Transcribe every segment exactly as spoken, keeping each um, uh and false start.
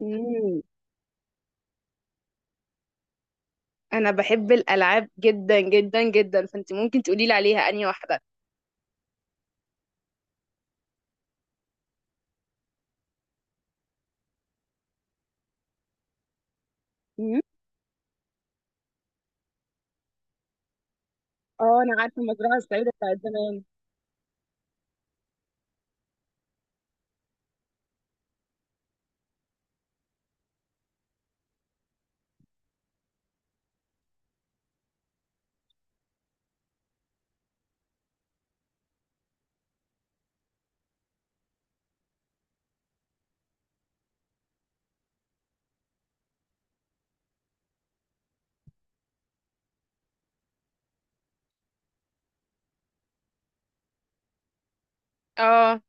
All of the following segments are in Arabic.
مم. انا بحب الالعاب جدا جدا جدا، فانت ممكن تقولي لي عليها انهي واحده؟ مم. اه، انا عارفه المزرعه السعيده بتاعت زمان. اه.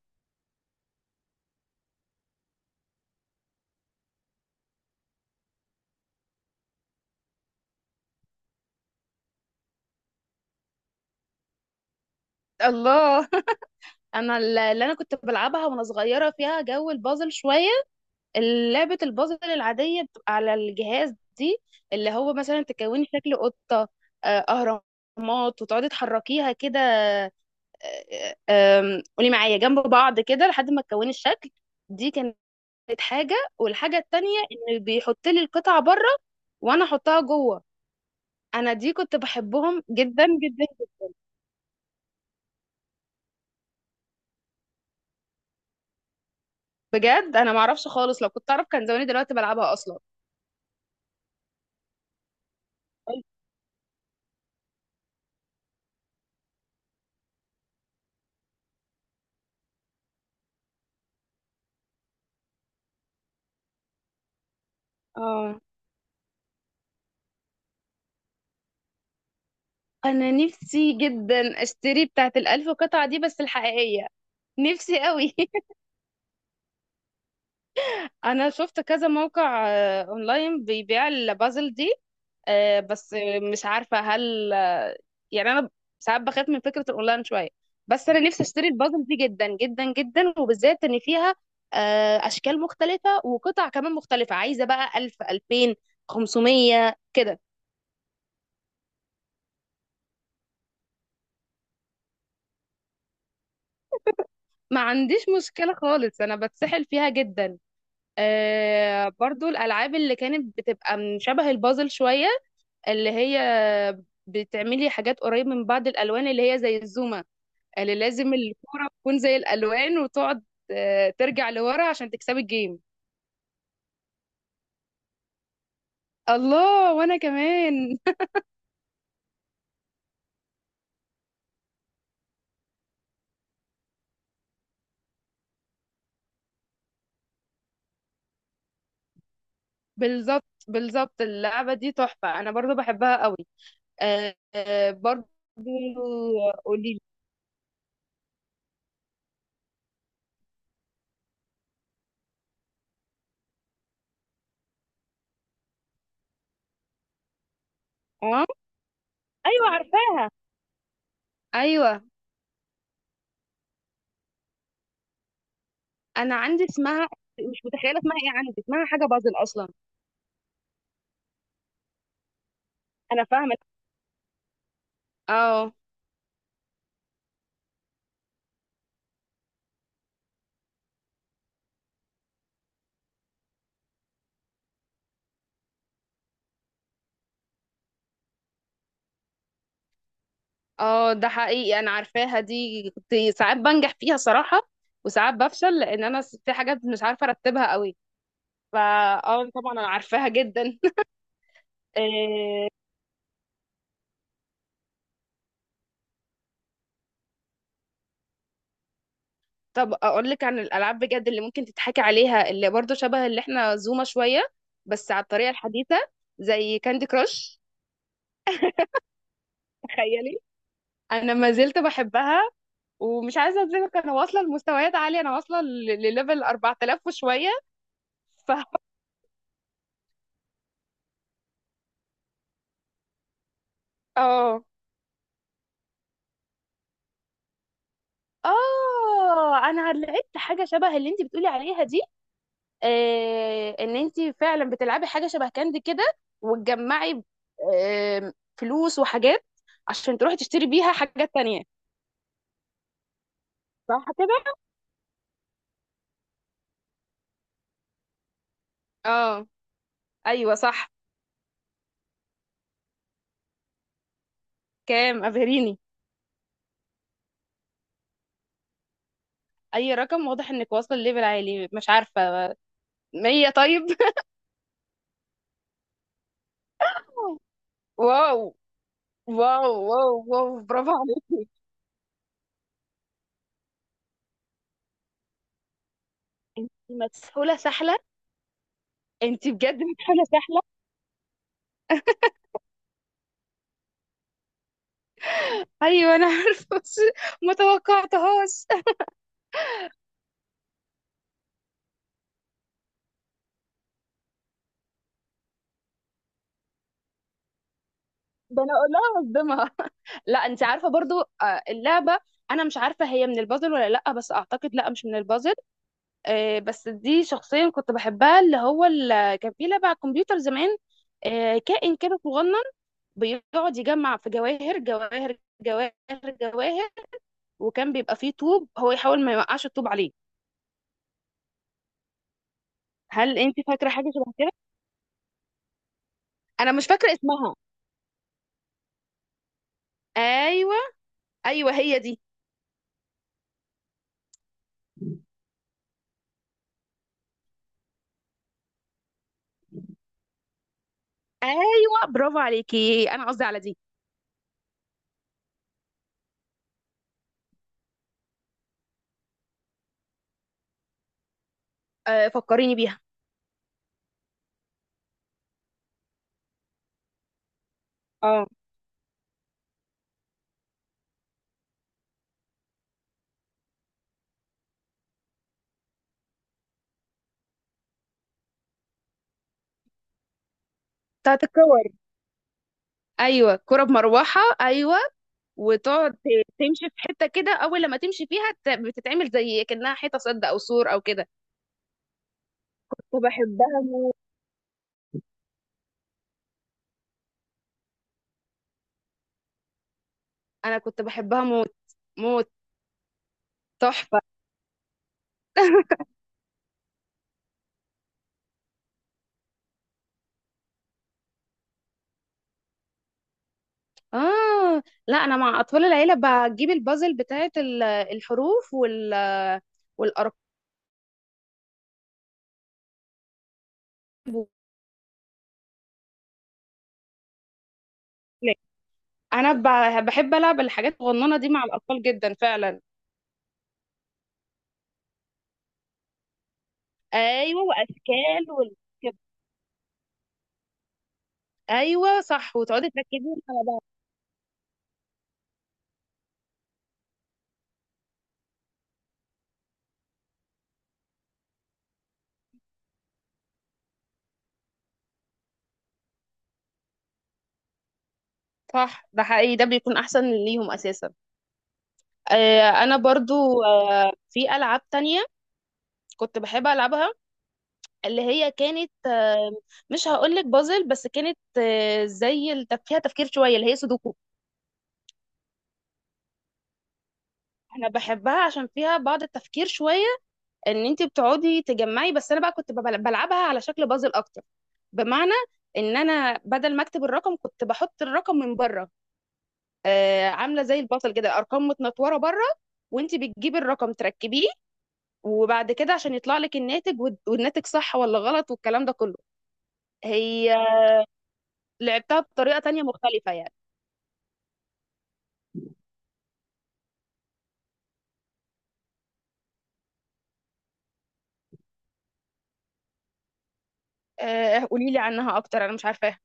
الله. انا ال- اللي انا كنت بلعبها وانا صغيره فيها جو البازل شويه. لعبه البازل العاديه بتبقى على الجهاز دي، اللي هو مثلا تكوني شكل قطه، آه، اهرامات وتقعدي تحركيها كده آه، آه، آم، قولي معايا جنب بعض كده لحد ما تكوني الشكل. دي كانت كانت حاجة، والحاجة التانية ان بيحط لي القطعة بره وانا احطها جوه. انا دي كنت بحبهم جدا جدا. بجد، انا معرفش خالص، لو كنت اعرف كان زماني دلوقتي بلعبها اصلا. اه، انا نفسي جدا اشتري بتاعت الالف قطعة دي بس الحقيقية. نفسي قوي. انا شفت كذا موقع آه، اونلاين بيبيع البازل دي، آه، بس مش عارفه هل آه، يعني انا ساعات بخاف من فكره الاونلاين شويه. بس انا نفسي اشتري البازل دي جدا جدا جدا، وبالذات ان فيها آه، اشكال مختلفه وقطع كمان مختلفه، عايزه بقى الف الفين خمسمية كده. ما عنديش مشكله خالص، انا بتسحل فيها جدا. آه، برضو الالعاب اللي كانت بتبقى من شبه البازل شويه، اللي هي بتعملي حاجات قريب من بعض الالوان، اللي هي زي الزومه اللي لازم الكوره تكون زي الالوان وتقعد آه، ترجع لورا عشان تكسبي الجيم. الله، وانا كمان. بالظبط بالظبط، اللعبه دي تحفه، انا برضو بحبها قوي. آه آه، برضو. قولي لي. اه، ايوه عارفاها. ايوه، انا عندي اسمها، مش متخيله اسمها ايه، عندي اسمها حاجه بازل اصلا. انا فاهمه. اه. اه، ده حقيقي انا عارفاها دي. كنت ساعات بنجح فيها صراحة، وساعات بفشل، لان انا س- في حاجات مش عارفة ارتبها قوي. فا، اه طبعا انا عارفاها جدا. إيه، طب اقول لك عن الالعاب بجد اللي ممكن تتحكي عليها، اللي برضو شبه اللي احنا زومة شوية، بس على الطريقة الحديثة، زي كاندي كراش. تخيلي. انا ما زلت بحبها، ومش عايزة اظلمك، انا واصلة لمستويات عالية، انا واصلة ل- لليفل اربعة آلاف وشوية. ف، اه اه، انا لقيت حاجه شبه اللي انت بتقولي عليها دي. آه، ان انت فعلا بتلعبي حاجه شبه كاندي كده، وتجمعي آه فلوس وحاجات عشان تروحي تشتري بيها حاجات تانية. صح كده. اه، ايوه صح. كام؟ ابهريني. اي رقم، واضح انك واصله لليفل عالي، مش عارفه، مية طيب؟ واو واو واو واو، برافو عليك. انت مسحوله سحله. انت بجد مسحوله سحله. ايوه انا عارفه، بس ما توقعتهاش. ده انا اقول لها اصدمها. لا، انت عارفه برضو آه، اللعبه، انا مش عارفه هي من البازل ولا لا، بس اعتقد لا، مش من البازل. آه، بس دي شخصيا كنت بحبها، اللي هو ال- كان في لعبه على الكمبيوتر زمان، آه، كائن كده صغنن بيقعد يجمع في جواهر جواهر جواهر جواهر، وكان بيبقى فيه طوب هو يحاول ما يوقعش الطوب عليه. هل انت فاكره حاجه شبه كده؟ انا مش فاكره اسمها. ايوه ايوه، هي دي. ايوه، برافو عليكي، انا قصدي على دي. آه، فكريني بيها. اه. بتاعت الكور. ايوه، كرة بمروحة، ايوه. وتقعد ت- تمشي في حتة كده، اول لما تمشي فيها ت- بتتعمل زي كأنها حيطة سد او سور او كده. كنت بحبها موت. انا كنت بحبها موت موت. تحفة. اه لا، انا مع اطفال العيلة بجيب البازل بتاعت ال- الحروف وال والارقام. انا ب- بحب العب الحاجات الصغننة دي مع الاطفال جدا فعلا. ايوه، واشكال والكده. ايوه صح، وتقعدي تركزي على. صح، ده حقيقي، ده بيكون احسن ليهم اساسا. آه انا برضو آه في العاب تانية كنت بحب العبها، اللي هي كانت آه، مش هقولك بازل، بس كانت آه زي التف... فيها تفكير شويه، اللي هي سودوكو. انا بحبها عشان فيها بعض التفكير شويه، ان انت بتقعدي تجمعي، بس انا بقى كنت ببل- بلعبها على شكل بازل اكتر. بمعنى ان انا بدل ما اكتب الرقم، كنت بحط الرقم من بره، آه، عامله زي البصل كده، ارقام متنطوره بره، وانت بتجيبي الرقم تركبيه، وبعد كده عشان يطلع لك الناتج وال- والناتج صح ولا غلط والكلام ده كله. هي لعبتها بطريقه تانية مختلفه يعني. آه، قولي لي عنها اكتر، انا مش عارفاها.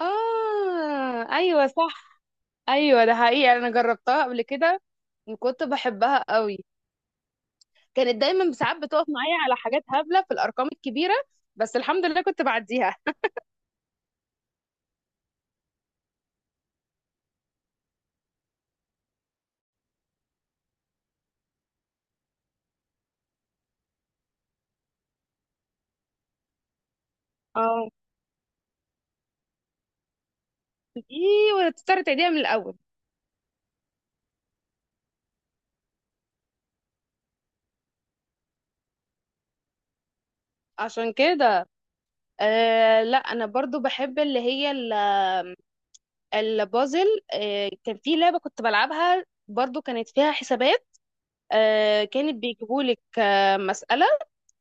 اه ايوه صح. ايوه ده حقيقي، انا جربتها قبل كده وكنت بحبها قوي. كانت دايما ساعات بتقف معايا على حاجات هبله في الارقام الكبيره، بس الحمد لله كنت بعديها. اه. ايه، وتضطر تعيديها من الاول؟ عشان كده. أه لا، انا برضو بحب اللي هي ال- البازل. أه كان في لعبة كنت بلعبها برضو، كانت فيها حسابات، أه كانت بيجيبولك أه مسألة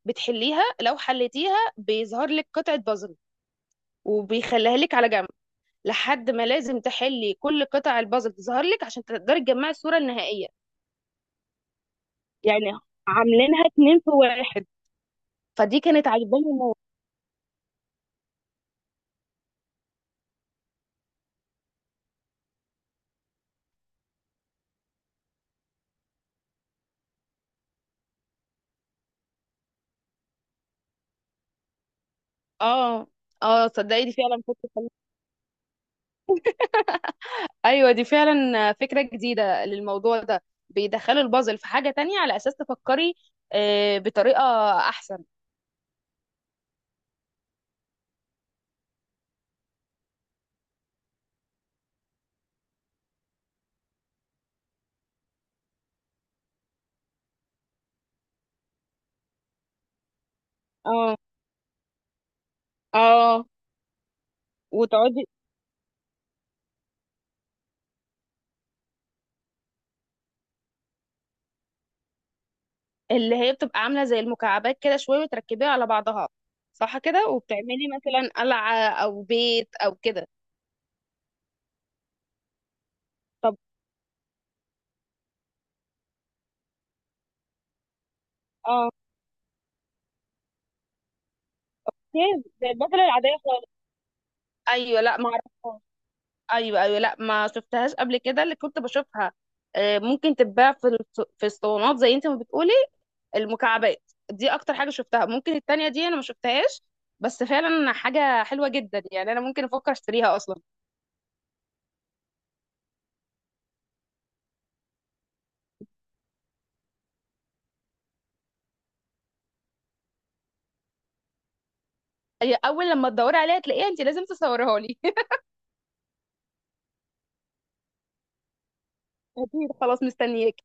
بتحليها، لو حليتيها بيظهر لك قطعة بازل وبيخليها لك على جنب، لحد ما لازم تحلي كل قطع البازل تظهر لك عشان تقدري تجمعي الصورة النهائية. يعني عاملينها اتنين في واحد. فدي كانت عجباني موت. اه. اه صدقي، دي فعلا فكرة. ايوه دي فعلا فكره جديده للموضوع ده، بيدخلوا البازل في حاجه تانية على اساس تفكري آه، بطريقه احسن. اه. اه وتقعدي. اللي هي بتبقى عامله زي المكعبات كده شويه وتركبيها على بعضها. صح كده، وبتعملي مثلا قلعه او بيت او كده. طب. اه. كيف؟ زي البازل العاديه خالص. ايوه لا، ما اعرفهاش. ايوه ايوه لا، ما شفتهاش قبل كده. اللي كنت بشوفها آه، ممكن تتباع في الص- في الصالونات زي انت ما بتقولي. المكعبات دي اكتر حاجه شفتها، ممكن التانية دي انا ما شفتهاش. بس فعلا حاجه حلوه جدا، يعني انا ممكن افكر اشتريها اصلا. هي اول لما تدوري عليها تلاقيها، انت لازم تصورها لي. اكيد، خلاص مستنياك.